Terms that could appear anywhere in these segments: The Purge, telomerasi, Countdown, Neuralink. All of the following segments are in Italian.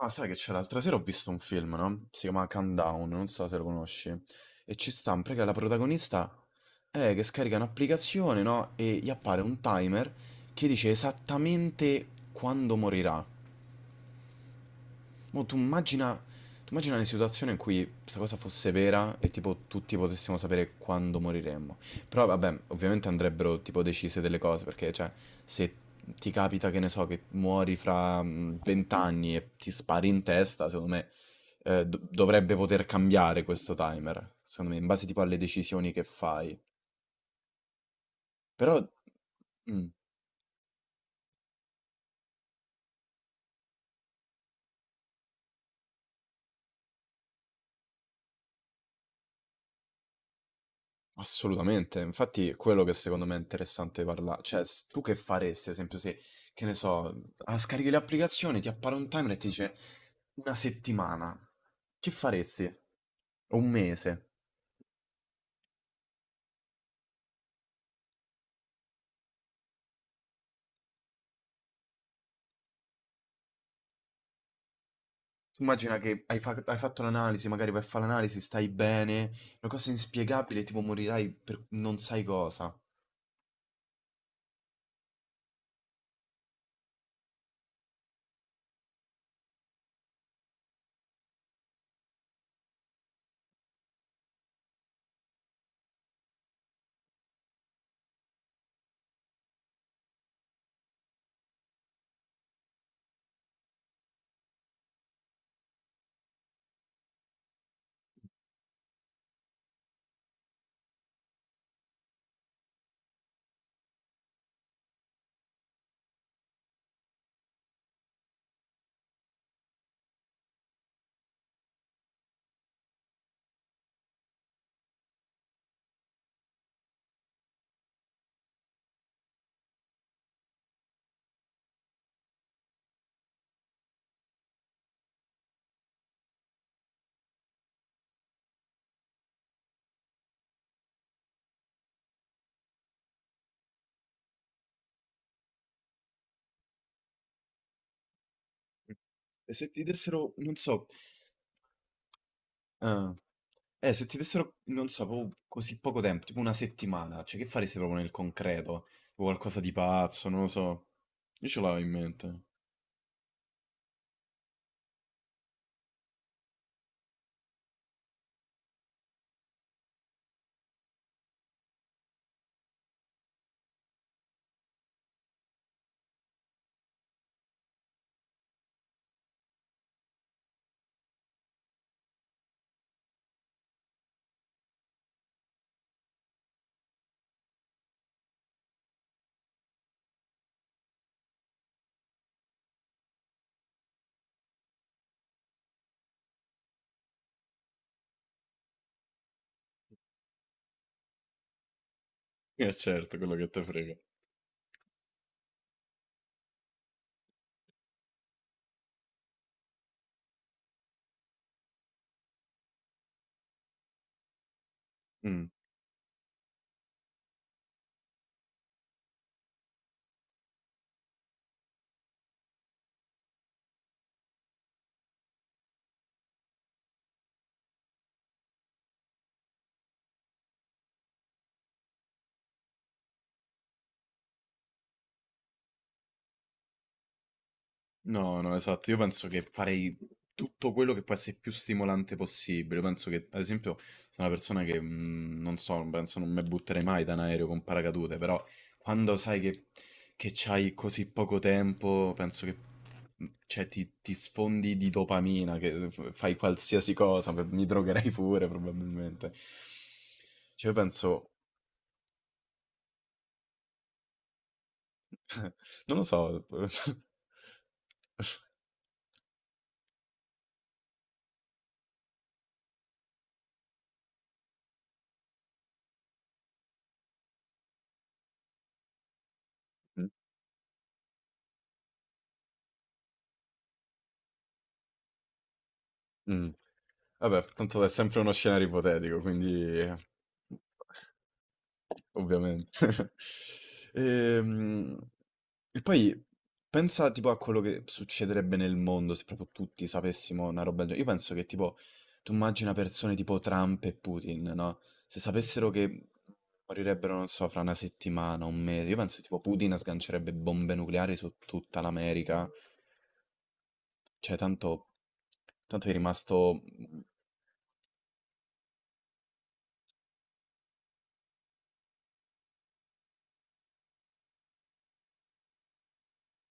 Ah, sai che c'è l'altra sera ho visto un film, no? Si chiama Countdown, non so se lo conosci. E ci sta, un prega la protagonista è che scarica un'applicazione, no? E gli appare un timer che dice esattamente quando morirà. Mo tu immagina le situazioni in cui questa cosa fosse vera e tipo tutti potessimo sapere quando moriremmo. Però vabbè, ovviamente andrebbero tipo decise delle cose, perché cioè se ti capita che ne so che muori fra vent'anni e ti spari in testa, secondo me dovrebbe poter cambiare questo timer, secondo me, in base tipo alle decisioni che fai. Però. Mm. Assolutamente, infatti è quello che secondo me è interessante parlare, cioè tu che faresti, ad esempio, se, che ne so, ah, scarichi le applicazioni, ti appare un timer e ti dice una settimana, che faresti? O un mese? Tu immagina che hai, hai fatto l'analisi, magari vai a fare l'analisi, stai bene, una cosa inspiegabile, tipo morirai per non sai cosa. E se ti dessero, non so, eh, se ti dessero, non so, proprio così poco tempo, tipo una settimana, cioè che faresti proprio nel concreto? O qualcosa di pazzo, non lo so. Io ce l'avevo in mente. Eh certo, quello che te frega. Mm. No, no, esatto. Io penso che farei tutto quello che può essere più stimolante possibile. Penso che, ad esempio, sono una persona che non so, penso non mi butterei mai da un aereo con paracadute, però quando sai che c'hai così poco tempo, penso che cioè, ti sfondi di dopamina, che fai qualsiasi cosa, beh, mi drogherei pure probabilmente. Cioè, io penso. Non lo so. Mm. Vabbè, tanto è sempre uno scenario ipotetico, quindi ovviamente. Ehm, E poi pensa tipo a quello che succederebbe nel mondo se proprio tutti sapessimo una roba del genere. Io penso che tipo, tu immagina persone tipo Trump e Putin, no? Se sapessero che morirebbero, non so, fra una settimana, un mese, io penso che tipo Putin sgancerebbe bombe nucleari su tutta l'America. Cioè, tanto è rimasto.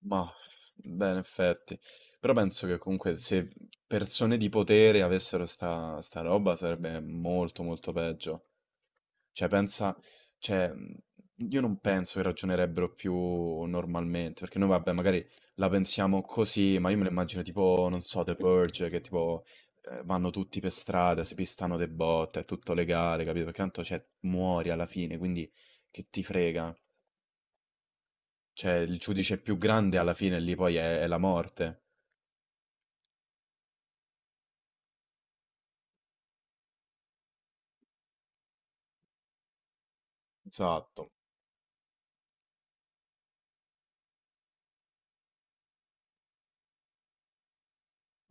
Mah, beh, in effetti. Però penso che comunque se persone di potere avessero sta roba sarebbe molto molto peggio. Cioè, pensa, cioè, io non penso che ragionerebbero più normalmente, perché noi vabbè, magari la pensiamo così, ma io me lo immagino tipo, non so, The Purge, che tipo vanno tutti per strada, si pistano de botte, è tutto legale, capito? Perché tanto, cioè, muori alla fine, quindi che ti frega? Cioè, il giudice più grande alla fine lì poi è la morte. Esatto.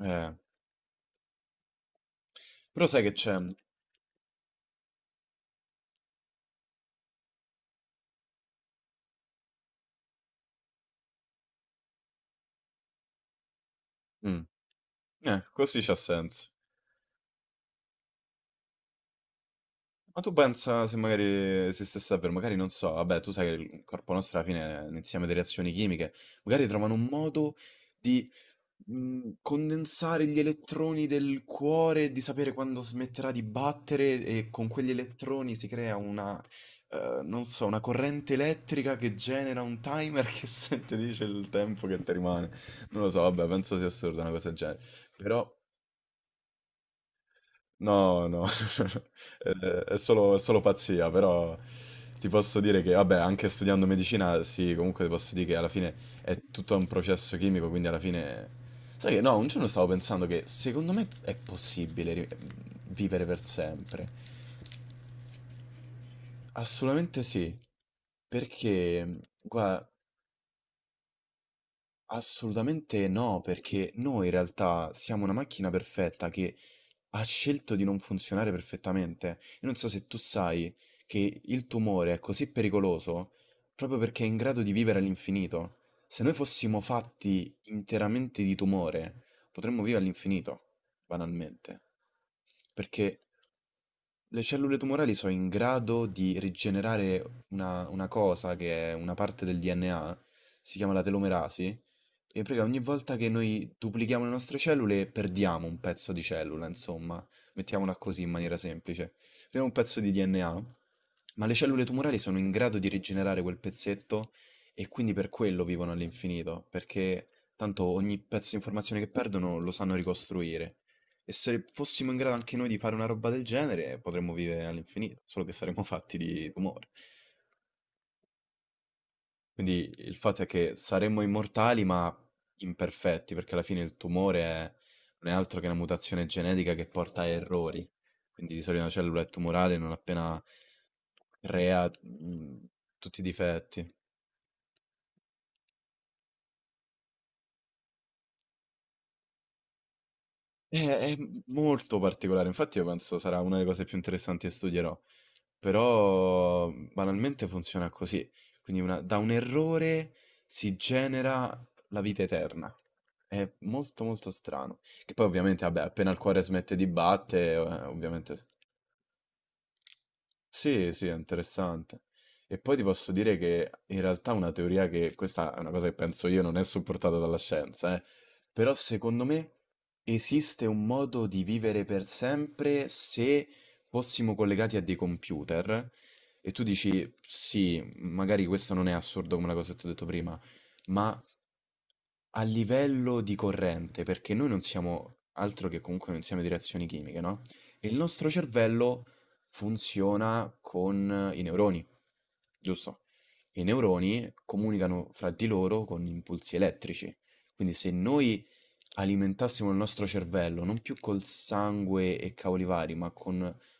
Eh. Però sai che c'è? Mhmm, Mm. Così c'ha senso. Ma tu pensa se magari se stesse davvero, magari non so, vabbè, tu sai che il corpo nostro alla fine è un insieme di reazioni chimiche, magari trovano un modo condensare gli elettroni del cuore, di sapere quando smetterà di battere e con quegli elettroni si crea una, non so, una corrente elettrica che genera un timer che ti dice il tempo che ti rimane. Non lo so, vabbè, penso sia assurda una cosa del genere. Però. No, no, è è solo pazzia, però ti posso dire che, vabbè, anche studiando medicina, sì, comunque ti posso dire che alla fine è tutto un processo chimico, quindi alla fine. Sai che no, un giorno stavo pensando che secondo me è possibile vivere per sempre. Assolutamente sì, perché, guarda, assolutamente no, perché noi in realtà siamo una macchina perfetta che ha scelto di non funzionare perfettamente. Io non so se tu sai che il tumore è così pericoloso proprio perché è in grado di vivere all'infinito. Se noi fossimo fatti interamente di tumore, potremmo vivere all'infinito, banalmente. Perché le cellule tumorali sono in grado di rigenerare una cosa che è una parte del DNA, si chiama la telomerasi, e prega, ogni volta che noi duplichiamo le nostre cellule perdiamo un pezzo di cellula, insomma, mettiamola così in maniera semplice. Prendiamo un pezzo di DNA, ma le cellule tumorali sono in grado di rigenerare quel pezzetto e quindi per quello vivono all'infinito, perché tanto ogni pezzo di informazione che perdono lo sanno ricostruire. E se fossimo in grado anche noi di fare una roba del genere, potremmo vivere all'infinito, solo che saremmo fatti di tumore. Quindi il fatto è che saremmo immortali ma imperfetti, perché alla fine il tumore non è altro che una mutazione genetica che porta a errori. Quindi di solito una cellula è tumorale non appena crea tutti i difetti. È molto particolare, infatti io penso sarà una delle cose più interessanti che studierò. Però banalmente funziona così. Quindi da un errore si genera la vita eterna. È molto molto strano. Che poi ovviamente, vabbè, appena il cuore smette di battere, ovviamente sì, sì, è interessante. E poi ti posso dire che in realtà una teoria che, questa è una cosa che penso io, non è supportata dalla scienza. Però secondo me esiste un modo di vivere per sempre se fossimo collegati a dei computer. E tu dici, sì, magari questo non è assurdo come la cosa che ti ho detto prima, ma a livello di corrente, perché noi non siamo altro che comunque un insieme di reazioni chimiche, no? E il nostro cervello funziona con i neuroni, giusto? I neuroni comunicano fra di loro con impulsi elettrici. Quindi se noi alimentassimo il nostro cervello, non più col sangue e cavoli vari, ma con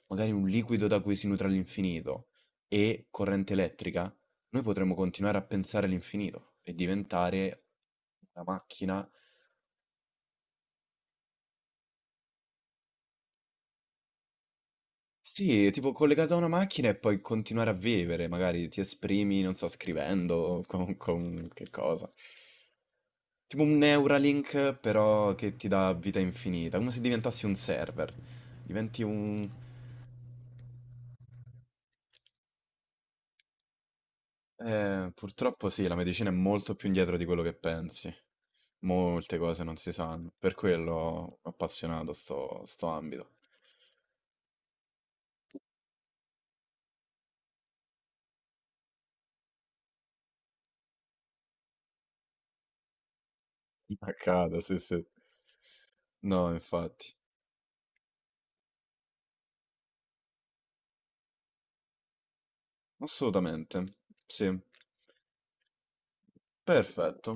magari un liquido da cui si nutre all'infinito e corrente elettrica, noi potremmo continuare a pensare all'infinito e diventare una macchina. Sì, tipo collegato a una macchina e poi continuare a vivere, magari ti esprimi, non so, scrivendo, o con che cosa. Tipo un Neuralink, però che ti dà vita infinita, come se diventassi un server. Diventi un. Purtroppo sì, la medicina è molto più indietro di quello che pensi. Molte cose non si sanno, per quello ho appassionato sto ambito. Accade, sì, sì. No, infatti. Assolutamente, sì, perfetto.